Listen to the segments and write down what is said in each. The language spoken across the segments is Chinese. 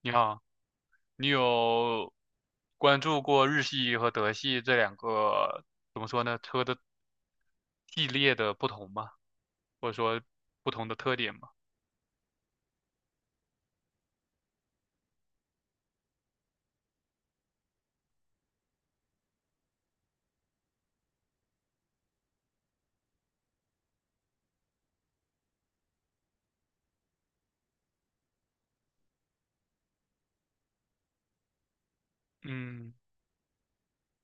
你好，你有关注过日系和德系这两个，怎么说呢，车的系列的不同吗？或者说不同的特点吗？嗯，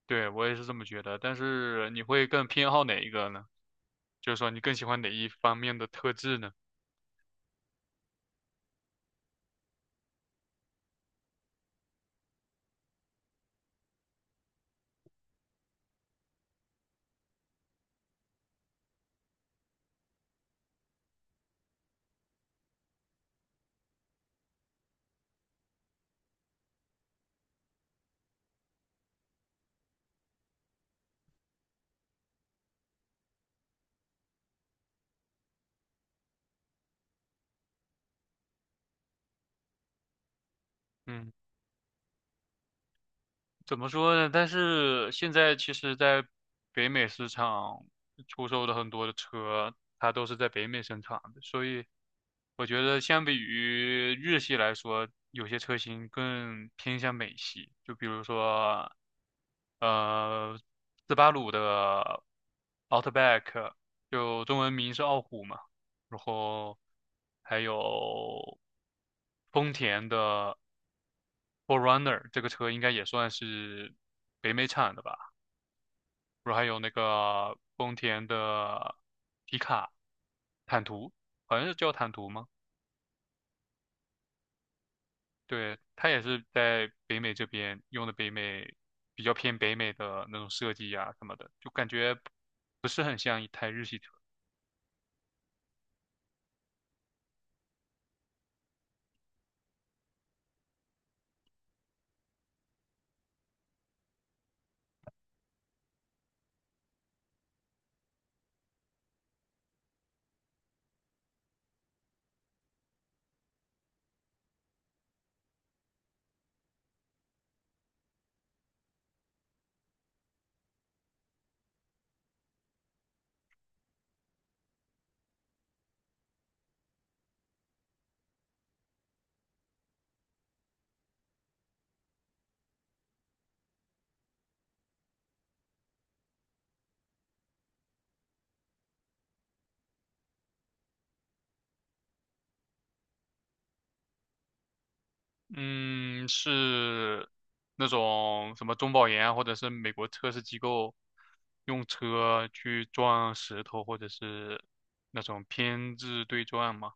对，我也是这么觉得。但是你会更偏好哪一个呢？就是说你更喜欢哪一方面的特质呢？嗯。怎么说呢？但是现在其实，在北美市场出售的很多的车，它都是在北美生产的，所以我觉得相比于日系来说，有些车型更偏向美系。就比如说，呃，斯巴鲁的 Outback，就中文名是傲虎嘛，然后还有丰田的。f o r r u n n e r 这个车应该也算是北美产的吧，然后还有那个丰田的皮卡坦途，好像是叫坦途吗？对，它也是在北美这边用的北美比较偏北美的那种设计呀、什么的，就感觉不是很像一台日系车。嗯，是那种什么中保研啊或者是美国测试机构用车去撞石头，或者是那种偏置对撞嘛。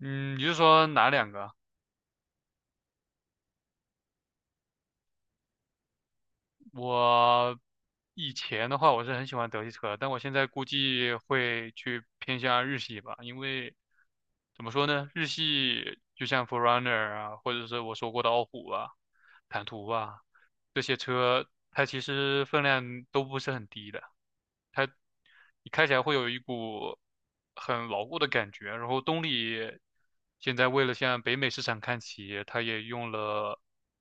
嗯，你是说哪两个啊？我以前的话，我是很喜欢德系车，但我现在估计会去偏向日系吧，因为怎么说呢，日系就像 f o r r u n n e r 啊，或者是我说过的傲虎啊、坦途啊这些车，它其实分量都不是很低的，你开起来会有一股很牢固的感觉。然后动力现在为了向北美市场看齐，它也用了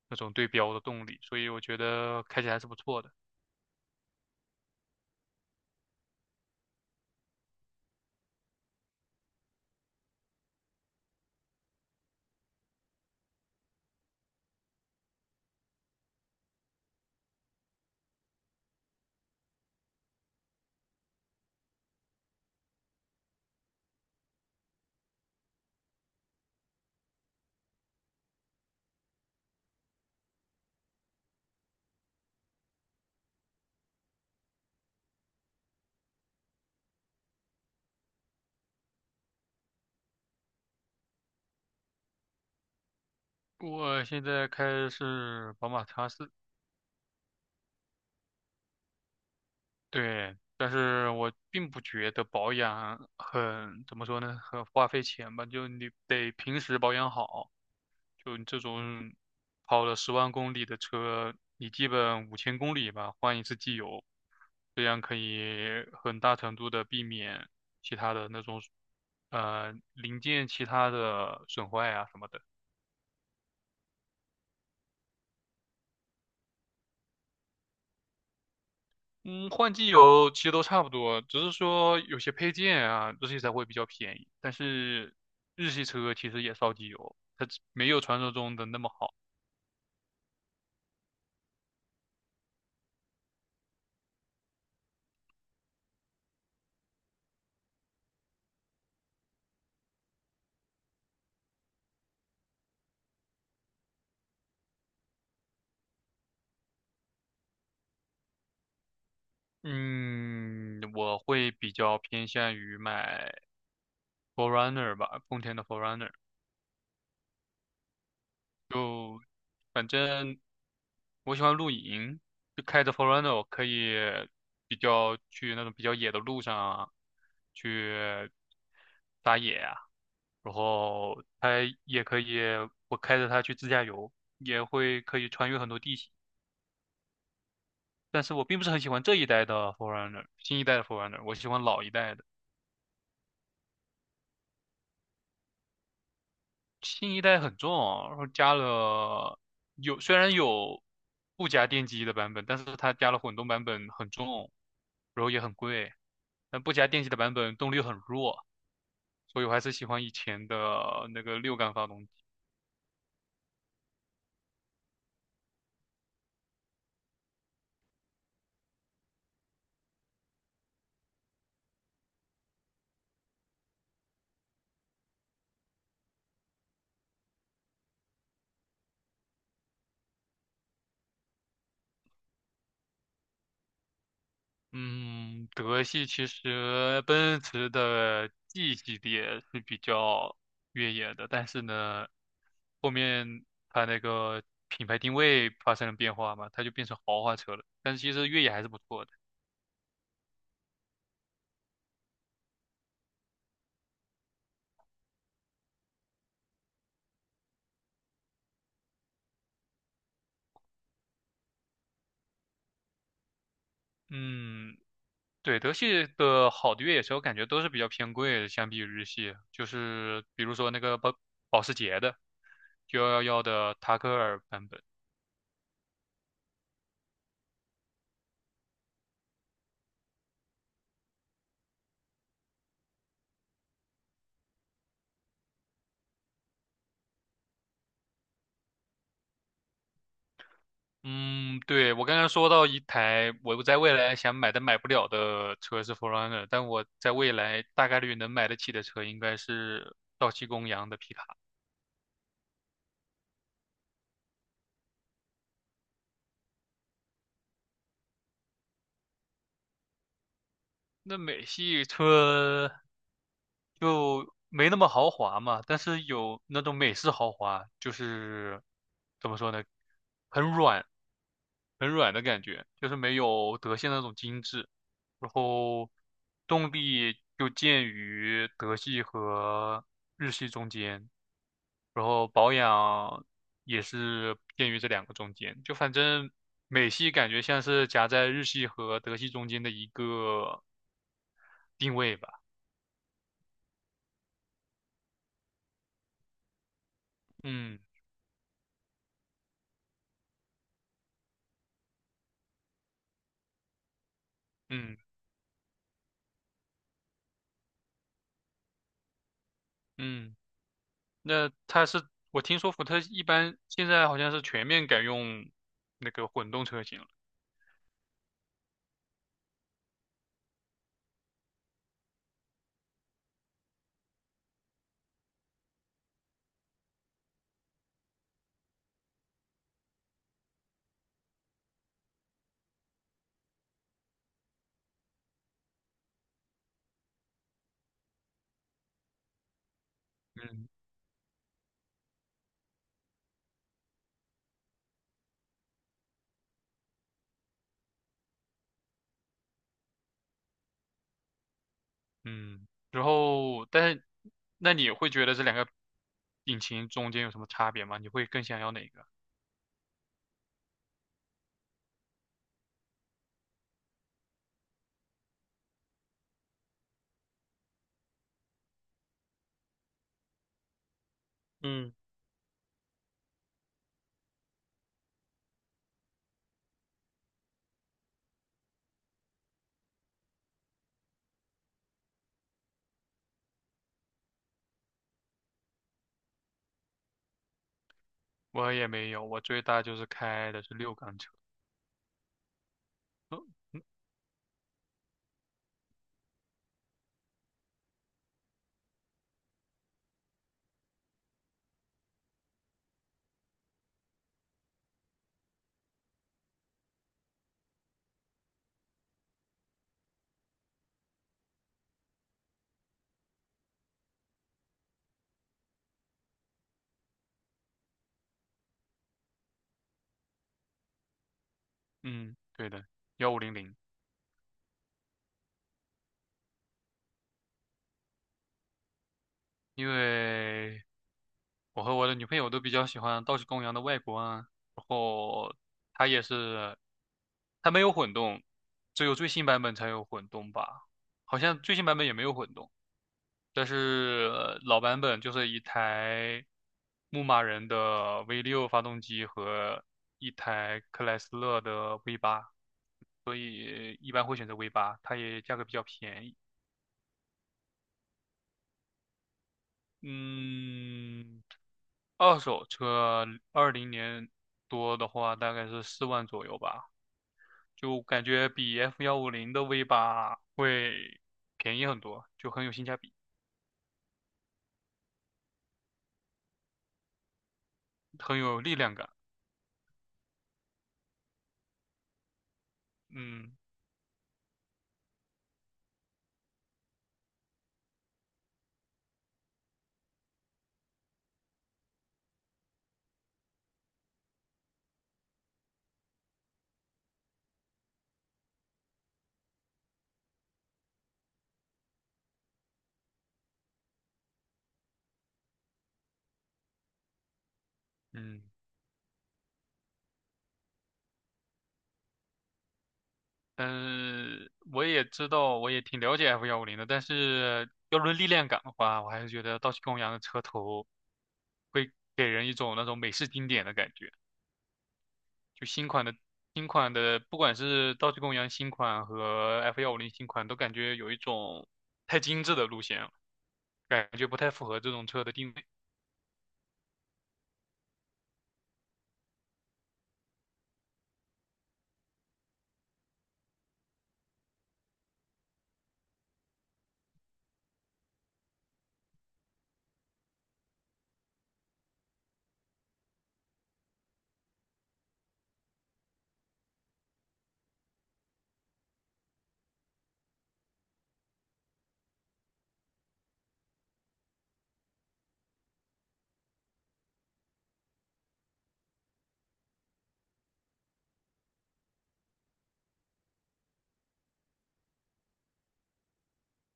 那种对标的动力，所以我觉得开起来还是不错的。我现在开的是宝马叉四，对，但是我并不觉得保养很，怎么说呢，很花费钱吧，就你得平时保养好，就你这种跑了10万公里的车，你基本5000公里吧，换一次机油，这样可以很大程度的避免其他的那种，零件其他的损坏啊什么的。嗯，换机油其实都差不多，只是说有些配件啊，日系才会比较便宜。但是日系车其实也烧机油，它只没有传说中的那么好。嗯，我会比较偏向于买 f o r e r u n n e r 吧，丰田的 f o r e r u n n e r 就反正我喜欢露营，就开着 f o r u n n e r 我可以比较去那种比较野的路上啊去打野啊，然后它也可以，我开着它去自驾游，也会可以穿越很多地形。但是我并不是很喜欢这一代的 Forerunner，新一代的 Forerunner，我喜欢老一代的。新一代很重啊，然后加了虽然有不加电机的版本，但是它加了混动版本很重，然后也很贵。但不加电机的版本动力很弱，所以我还是喜欢以前的那个6缸发动机。嗯，德系其实奔驰的 G 系列是比较越野的，但是呢，后面它那个品牌定位发生了变化嘛，它就变成豪华车了。但是其实越野还是不错的。嗯，对，德系的好的越野车，我感觉都是比较偏贵的，相比于日系，就是比如说那个保时捷的911的塔克尔版本。嗯，对，我刚刚说到一台我在未来想买但买不了的车是 f e r u n n e r 但我在未来大概率能买得起的车应该是道奇公羊的皮卡。那美系车就没那么豪华嘛，但是有那种美式豪华，就是怎么说呢，很软，很软的感觉，就是没有德系那种精致。然后动力就介于德系和日系中间，然后保养也是介于这两个中间。就反正美系感觉像是夹在日系和德系中间的一个定位吧。嗯嗯嗯，那它是我听说福特一般现在好像是全面改用那个混动车型了。嗯。嗯，然后但是那你会觉得这两个引擎中间有什么差别吗？你会更想要哪个？嗯，我也没有，我最大就是开的是6缸车，哦嗯，对的，1500，因为我和我的女朋友都比较喜欢道奇公羊的外观啊然后它也是，它没有混动，只有最新版本才有混动吧，好像最新版本也没有混动。但是老版本就是一台牧马人的 V6 发动机和一台克莱斯勒的 V8，也一般会选择 V8，它也价格比较便宜。嗯，二手车二零年多的话，大概是4万左右吧，就感觉比 F 幺五零的 V8 会便宜很多，就很有性价比，很有力量感。嗯嗯，嗯，我也知道，我也挺了解 F 幺五零的，但是要论力量感的话，我还是觉得道奇公羊的车头会给人一种那种美式经典的感觉。就新款的，不管是道奇公羊新款和 F 幺五零新款，都感觉有一种太精致的路线了，感觉不太符合这种车的定位。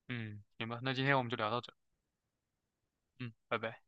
嗯，行吧，那今天我们就聊到这。嗯，拜拜。